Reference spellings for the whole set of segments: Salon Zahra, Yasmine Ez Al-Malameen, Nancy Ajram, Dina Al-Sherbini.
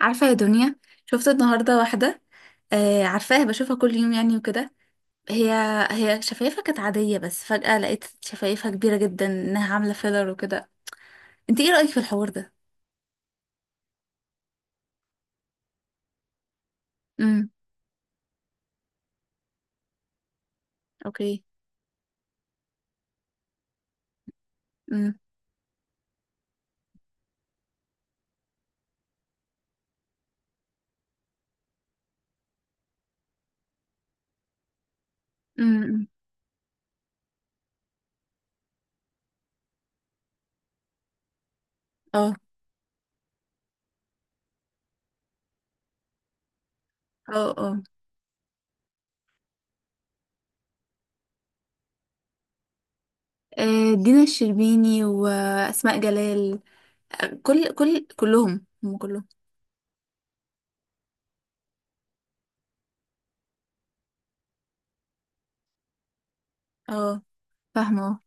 عارفة يا دنيا؟ شفت النهاردة واحدة، آه عارفاها، بشوفها كل يوم يعني وكده. هي هي شفايفها كانت عادية، بس فجأة لقيت شفايفها كبيرة جدا، انها عاملة فيلر وكده. انت ايه رأيك في الحوار ده؟ امم اوكي. امم امم اه اه اه. آه، دينا الشربيني وأسماء جلال. آه، كل كلهم، كلهم. اه، فاهمة، اه.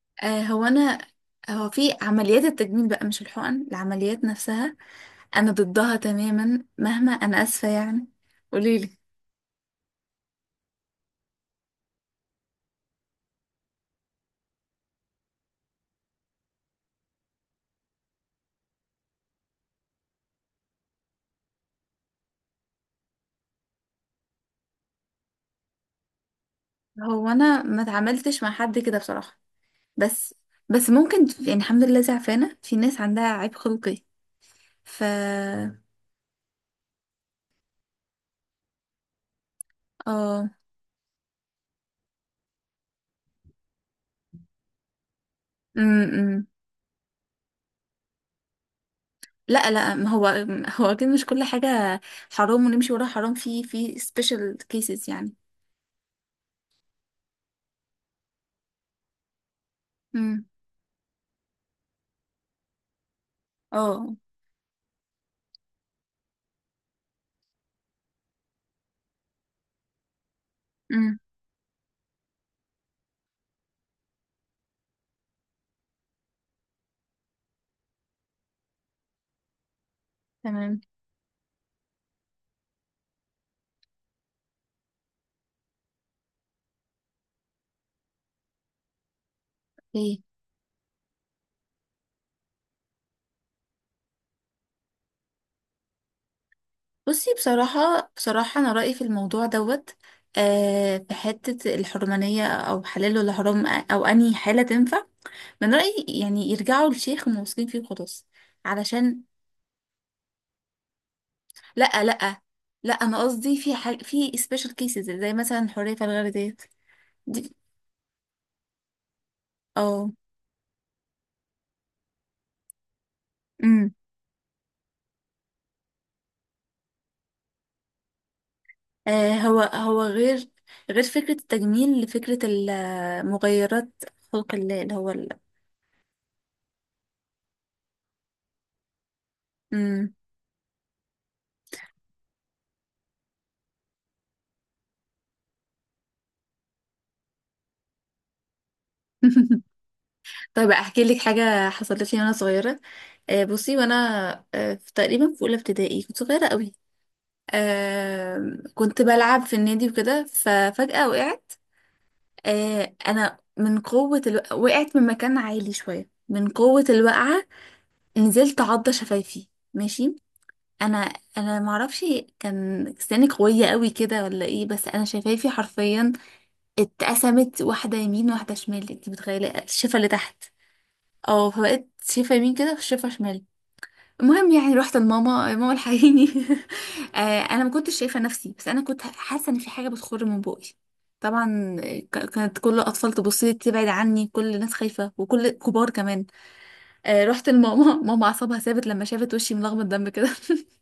آه، هو انا، هو في عمليات التجميل بقى، مش الحقن، العمليات نفسها. انا ضدها تماما مهما، انا اسفه يعني. قوليلي. هو انا ما اتعاملتش مع حد كده بصراحه. بس بس ممكن يعني، الحمد لله، زعفانه، في ناس عندها عيب خلقي. ف اه. امم. لا ما هو، هو اكيد مش كل حاجه حرام ونمشي وراها، حرام في سبيشال كيسز يعني. امم. اه. امم. تمام. اوكي. بصي، بصراحة، أنا رأيي في الموضوع دوت، آه، في حتة الحرمانية، أو حلال ولا حرام، أو أنهي حالة تنفع. من رأيي يعني، يرجعوا للشيخ الموثوقين فيه وخلاص. علشان، لأ لأ، أنا قصدي في حاجة، في سبيشال كيسز، زي مثلا حرية الغير ديت. دي. اه. امم. آه، هو غير، غير فكرة التجميل لفكرة المغيرات، خلق الله، اللي هو ال... امم. طيب احكي لك حاجه حصلت لي وانا صغيره. آه، بصي. آه، في تقريبا، في اولى ابتدائي، كنت صغيره قوي. آه، كنت بلعب في النادي وكده، ففجاه وقعت. آه، انا من وقعت من مكان عالي شويه، من قوه الوقعه نزلت عضه شفايفي. ماشي. انا انا ما اعرفش، كان سناني قويه قوي كده ولا ايه، بس انا شفايفي حرفيا اتقسمت، واحده يمين واحده شمال. انت متخيله الشفه اللي تحت؟ اه، فبقت شفه يمين كده وشفه شمال. المهم يعني رحت لماما، ماما الحقيني. آه، انا ما كنتش شايفه نفسي، بس انا كنت حاسه ان في حاجه بتخر من بقي. طبعا. كانت كل الاطفال تبص لي، تبعد عني، كل الناس خايفه وكل كبار كمان. آه، رحت لماما، ماما اعصابها ثابت لما شافت وشي ملغمه دم كده.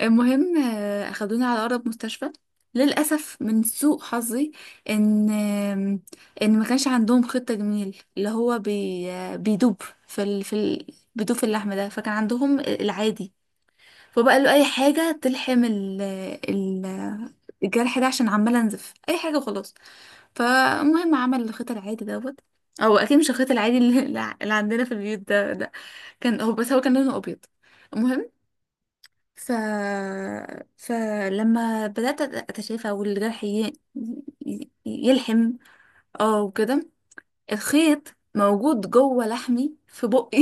المهم، آه، اخدوني على اقرب مستشفى. للاسف من سوء حظي، ان آم، ان ما كانش عندهم خطه جميل، اللي هو بي آه، بيدوب في بيدوب في اللحم ده، فكان عندهم العادي. فبقى قال له اي حاجه تلحم ال ال الجرح ده، عشان عماله انزف، اي حاجه خلاص. فالمهم عمل الخيط العادي دوت. او اكيد مش الخيط العادي اللي اللي عندنا في البيوت ده، كان هو، بس هو كان لونه ابيض. المهم، ف فلما بدات اتشافى والجرح يلحم، اه وكده، الخيط موجود جوه لحمي في بقي.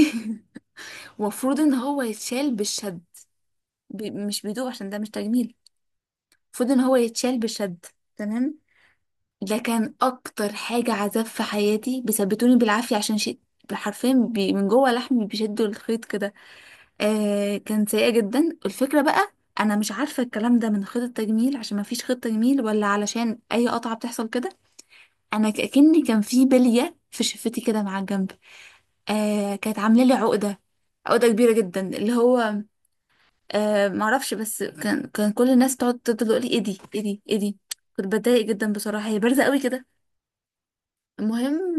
المفروض ان هو يتشال بالشد، مش بيدوب عشان ده مش تجميل، المفروض ان هو يتشال بشد. تمام. ده كان اكتر حاجة عذاب في حياتي، بيثبتوني بالعافية عشان شيء، حرفيا من جوه لحمي بيشدوا الخيط كده. آه، كان سيئة جدا الفكرة بقى. انا مش عارفة الكلام ده من خيط التجميل عشان ما فيش خيط تجميل، ولا علشان اي قطعة بتحصل كده. انا كأني كان في بلية في شفتي كده، مع الجنب. آه، كانت عاملة لي عقدة، عقدة كبيرة جدا، اللي هو، آه، معرفش، بس كان كل الناس تقعد تفضل تقول لي ايه دي ايه دي ايه دي. كنت بتضايق جدا بصراحه، هي بارزه قوي كده. المهم،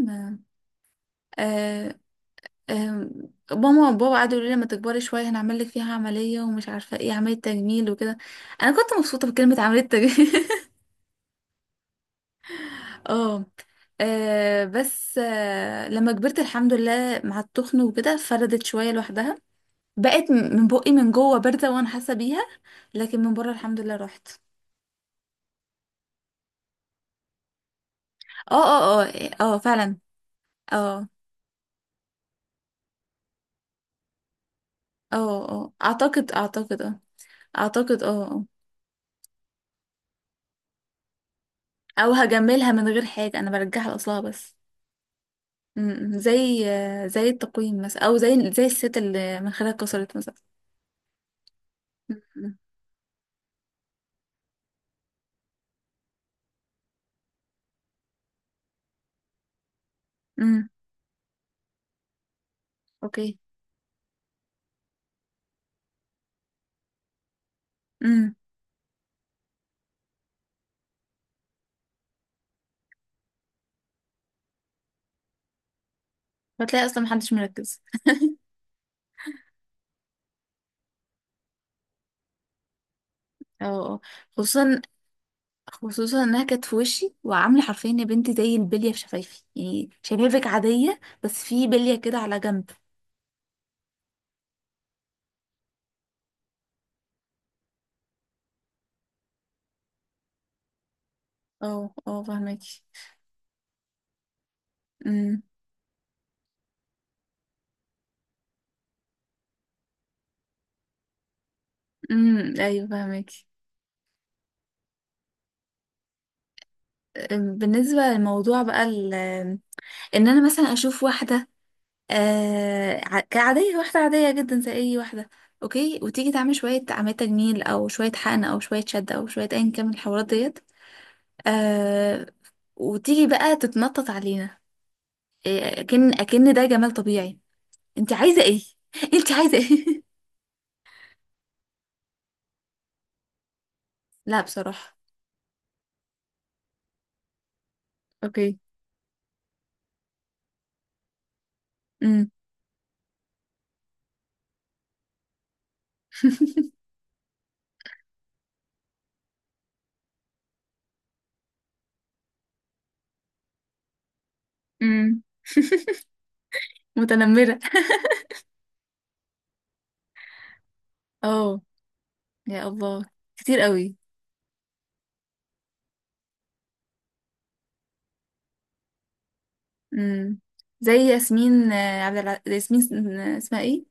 آه آه ماما وبابا قعدوا يقولوا لي لما تكبري شويه هنعمل لك فيها عمليه، ومش عارفه ايه، عمليه تجميل وكده. انا كنت مبسوطه بكلمه عمليه تجميل. اه. آه، بس آه، لما كبرت، الحمد لله، مع التخن وكده، فردت شويه لوحدها. بقت من بقي من جوه بارزه وانا حاسه بيها، لكن من بره الحمد لله راحت. اه اه اه اه، فعلا. اه اه اه، اعتقد اه. اه اه. او هجملها من غير حاجة، انا برجعها لاصلها بس. م- م. زي آه، زي التقويم مثلا، او زي الست اللي مناخيرها اتكسرت مثلا. م- م. م. اوكي. م. بتلاقي اصلا محدش مركز. اه اه. خصوصا، خصوصا انها كانت في وشي، وعامله حرفيا يا بنتي زي البليه في شفايفي، يعني شفايفك عاديه بس في بليه كده على جنب. اه اه، فهماكي. امم. امم، ايوه فهماكي. بالنسبة للموضوع بقى ان انا مثلا اشوف واحدة، آه، كعادية، واحدة عادية جدا زي اي واحدة، اوكي، وتيجي تعمل شوية عملية تجميل، او شوية حقن، او شوية شد، او شوية ايا كان من الحوارات ديت، آه، وتيجي بقى تتنطط علينا، آه، اكن ده جمال طبيعي. انت عايزة ايه؟ انت عايزة ايه؟ لا بصراحة. اوكي. امم. امم. متنمرة. اه. يا الله، كتير قوي. امم. زي ياسمين آه، ياسمين آه، اسمها ايه؟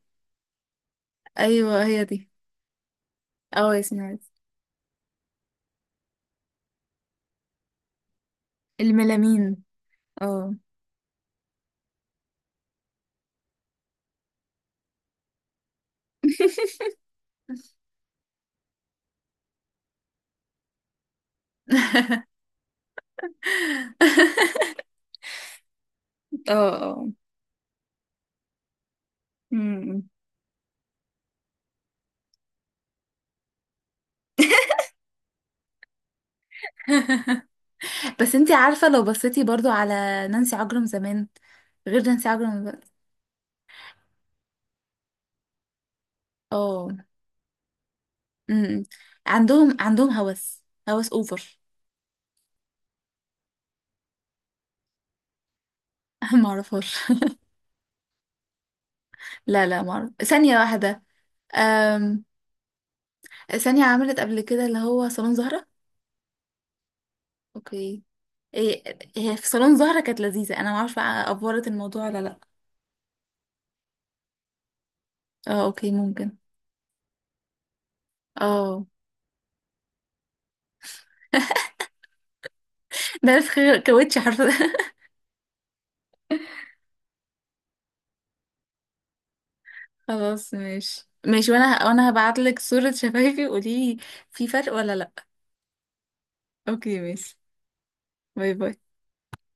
ايوه هي دي. اه ياسمين عز. الملامين. اه. اه اه. أمم. بس انتي عارفة لو بصيتي برضو على نانسي عجرم زمان غير نانسي عجرم دلوقتي. اه. أمم. عندهم هوس، هوس اوفر. ما اعرفهاش. لا لا، ما اعرف، ثانية واحدة. أم... ثانية، عملت قبل كده اللي هو صالون زهرة. اوكي. إيه، هي في صالون زهرة كانت لذيذة، انا ما اعرفش بقى افورت الموضوع ولا لا. اه اوكي، ممكن. اه. ده في خير- كاوتش حرفيا. خلاص ماشي، ماشي، وانا هبعت لك صورة شفايفي قولي لي في فرق ولا لا. اوكي ماشي. باي باي.